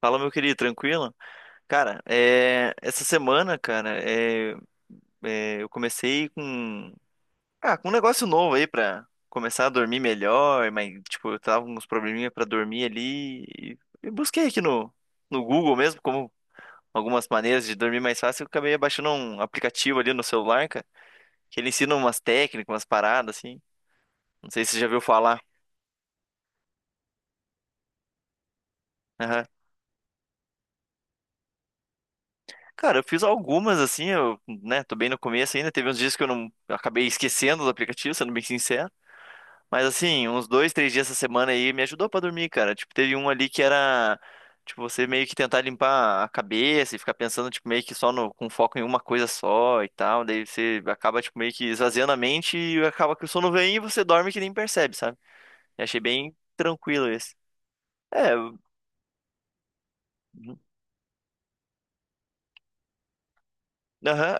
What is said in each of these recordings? Fala, meu querido, tranquilo? Cara, essa semana, eu comecei com um negócio novo aí pra começar a dormir melhor, mas, tipo, eu tava com uns probleminha pra dormir ali e busquei aqui no Google mesmo, como algumas maneiras de dormir mais fácil. Eu acabei baixando um aplicativo ali no celular, cara, que ele ensina umas técnicas, umas paradas, assim. Não sei se você já viu falar. Aham. Cara, eu fiz algumas assim, eu, né, tô bem no começo ainda. Teve uns dias que eu não eu acabei esquecendo do aplicativo, sendo bem sincero. Mas assim, uns dois, três dias essa semana aí me ajudou pra dormir, cara. Tipo, teve um ali que era, tipo, você meio que tentar limpar a cabeça e ficar pensando, tipo, meio que só no, com foco em uma coisa só e tal. Daí você acaba, tipo, meio que esvaziando a mente e acaba que o sono vem e você dorme que nem percebe, sabe? Eu achei bem tranquilo esse. É, eu- aham.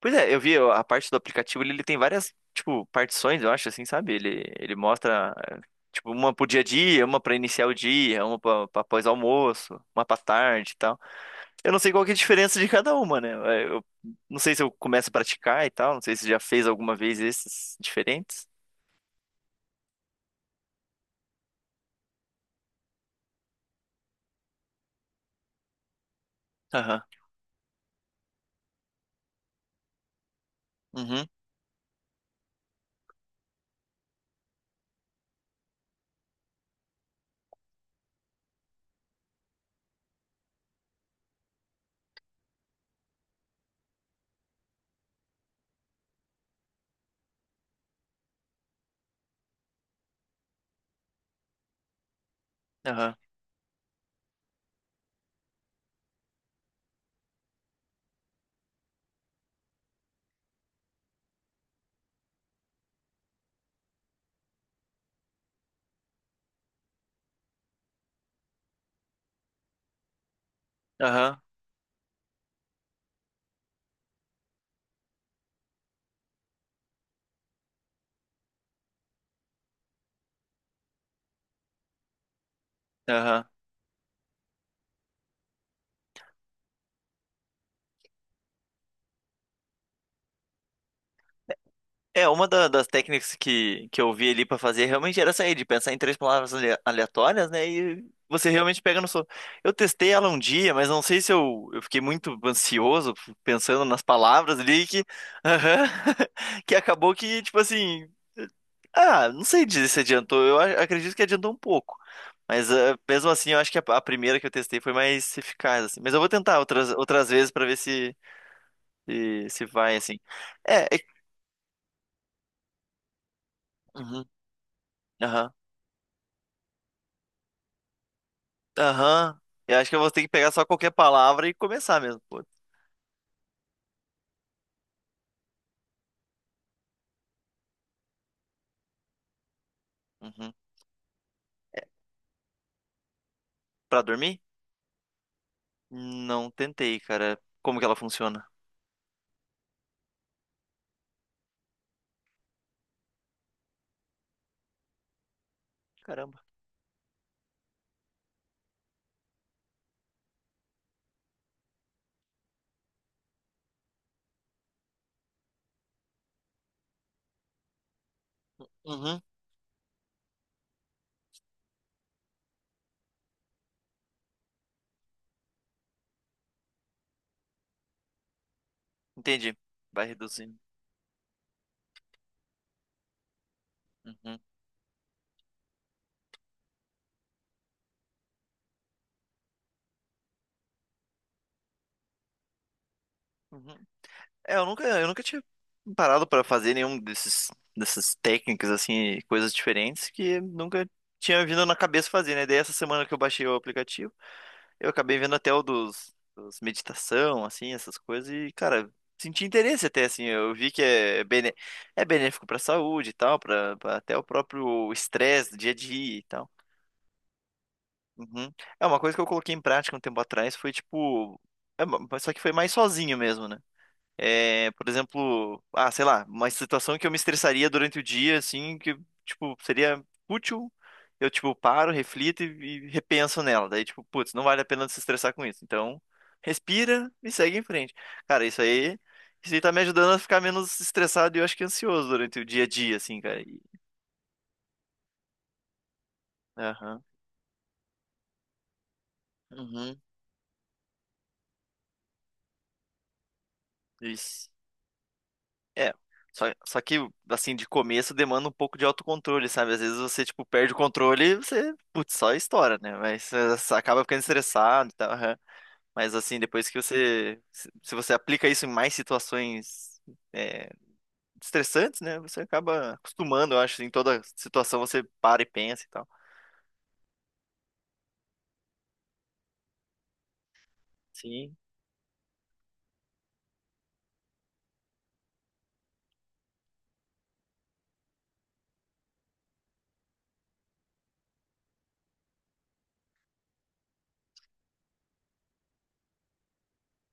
Pois é, eu vi a parte do aplicativo, ele tem várias, tipo, partições, eu acho, assim, sabe? Ele mostra, tipo, uma pro dia a dia, uma pra iniciar o dia, uma pra, pra pós-almoço, uma pra tarde e tal. Eu não sei qual que é a diferença de cada uma, né? Eu não sei se eu começo a praticar e tal, não sei se você já fez alguma vez esses diferentes. Aham, uhum, aham, aham, aham. É, das técnicas que eu vi ali pra fazer realmente era essa aí, de pensar em três palavras aleatórias, né? E você realmente pega no sono. Eu testei ela um dia, mas não sei se eu fiquei muito ansioso pensando nas palavras ali que... Aham. Que acabou que, tipo assim, ah, não sei dizer se adiantou. Eu acredito que adiantou um pouco. Mas ah, mesmo assim, eu acho que a primeira que eu testei foi mais eficaz, assim. Mas eu vou tentar outras, outras vezes pra ver se vai, assim. É, é... Uhum, aham. Aham. Eu acho que eu vou ter que pegar só qualquer palavra e começar mesmo. Pô. Uhum. Pra dormir? Não tentei, cara. Como que ela funciona? Caramba. Uhum. Entendi. Vai reduzindo. Uhum. Uhum. É, eu nunca tinha parado pra fazer nenhum desses, dessas técnicas, assim, coisas diferentes que nunca tinha vindo na cabeça fazer, né? Daí essa semana que eu baixei o aplicativo. Eu acabei vendo até o dos meditação, assim, essas coisas, e, cara, senti interesse até, assim, eu vi que é benéfico pra saúde e tal, pra até o próprio estresse do dia a dia e tal. Uhum. É uma coisa que eu coloquei em prática um tempo atrás, foi tipo... é, só que foi mais sozinho mesmo, né? É, por exemplo, ah, sei lá, uma situação que eu me estressaria durante o dia, assim, que, tipo, seria útil. Eu, tipo, paro, reflito e repenso nela. Daí, tipo, putz, não vale a pena se estressar com isso. Então, respira e segue em frente. Cara, isso aí tá me ajudando a ficar menos estressado e eu acho que ansioso durante o dia a dia, assim, cara. E- Aham. Uhum. Isso. É, só, só que, assim, de começo demanda um pouco de autocontrole, sabe? Às vezes você, tipo, perde o controle e você, putz, só estoura, né? Mas você acaba ficando estressado e tal. Aham. Mas, assim, depois que você... Se você aplica isso em mais situações é, estressantes, né? Você acaba acostumando, eu acho. Em toda situação você para e pensa e tal. Sim.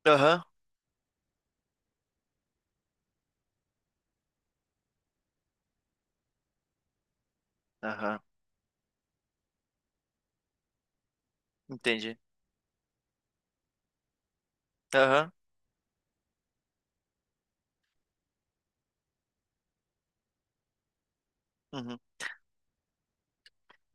Aham, aham, entendi. Aham, uhum.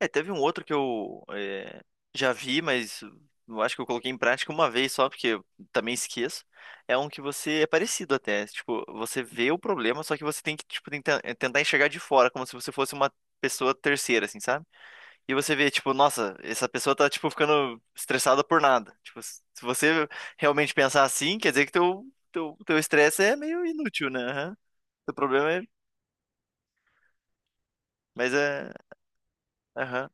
É, teve um outro que eu já vi, mas eu acho que eu coloquei em prática uma vez só, porque eu também esqueço. É um que você é parecido até. Tipo, você vê o problema, só que você tem que, tipo, tentar enxergar de fora, como se você fosse uma pessoa terceira, assim, sabe? E você vê, tipo, nossa, essa pessoa tá, tipo, ficando estressada por nada. Tipo, se você realmente pensar assim, quer dizer que teu estresse é meio inútil, né? Aham. Teu problema é. Mas é. Aham.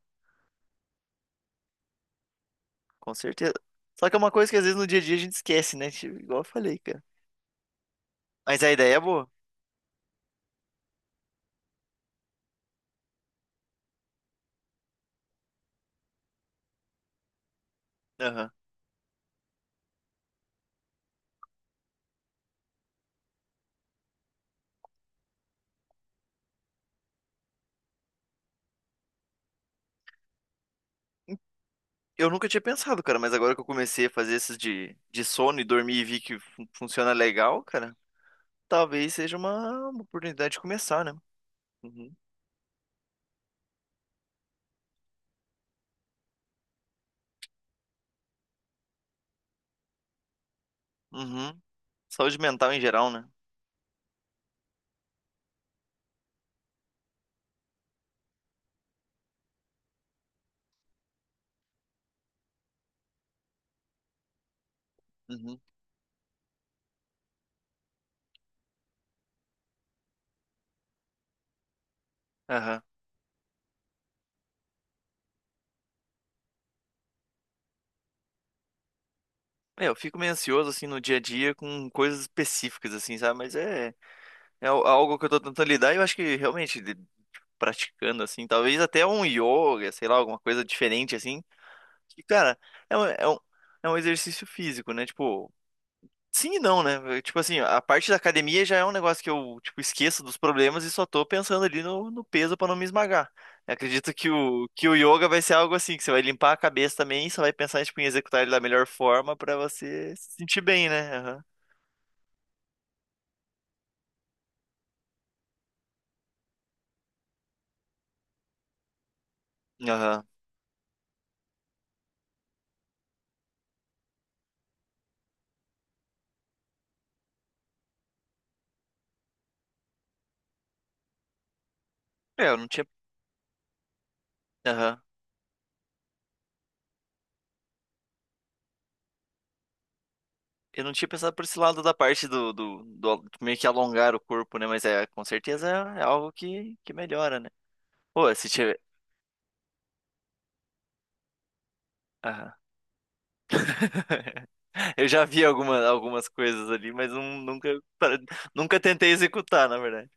Com certeza. Só que é uma coisa que às vezes no dia a dia a gente esquece, né? Tipo, igual eu falei, cara. Mas a ideia é boa. Aham. Eu nunca tinha pensado, cara, mas agora que eu comecei a fazer esses de sono e dormir e vi que funciona legal, cara, talvez seja uma oportunidade de começar, né? Uhum. Uhum. Saúde mental em geral, né? Uhum. Aham. É, eu fico meio ansioso, assim, no dia a dia com coisas específicas, assim, sabe? Mas é, é algo que eu tô tentando lidar e eu acho que realmente de- praticando, assim, talvez até um yoga, sei lá, alguma coisa diferente, assim. E, cara, é um, é um, é um exercício físico, né? Tipo, sim e não, né? Tipo assim, a parte da academia já é um negócio que eu, tipo, esqueço dos problemas e só tô pensando ali no peso pra não me esmagar. Eu acredito que o yoga vai ser algo assim, que você vai limpar a cabeça também e só vai pensar, tipo, em executar ele da melhor forma pra você se sentir bem, né? Aham. Aham. É, eu não tinha. Aham. Eu não tinha pensado por esse lado da parte do meio que alongar o corpo, né? Mas é, com certeza é algo que melhora, né? Pô, se tiver. Eu já vi alguma, algumas coisas ali, mas não, nunca, pra- nunca tentei executar, na verdade.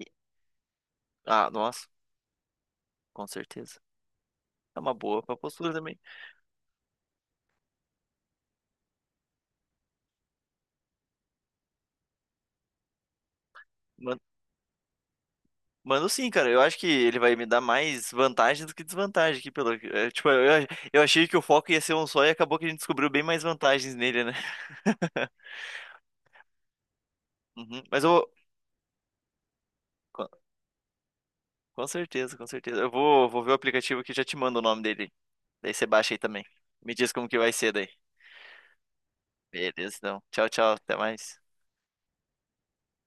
E- Ah, nossa, com certeza. É uma boa pra postura também. Man- Mando, sim, cara. Eu acho que ele vai me dar mais vantagem do que desvantagem aqui pelo... é, tipo, eu achei que o foco ia ser um só e acabou que a gente descobriu bem mais vantagens nele, né? Uhum. Mas eu vou. Com com certeza, com certeza. Eu vou, vou ver o aplicativo aqui e já te mando o nome dele. Daí você baixa aí também. Me diz como que vai ser daí. Beleza, então. Tchau, tchau. Até mais.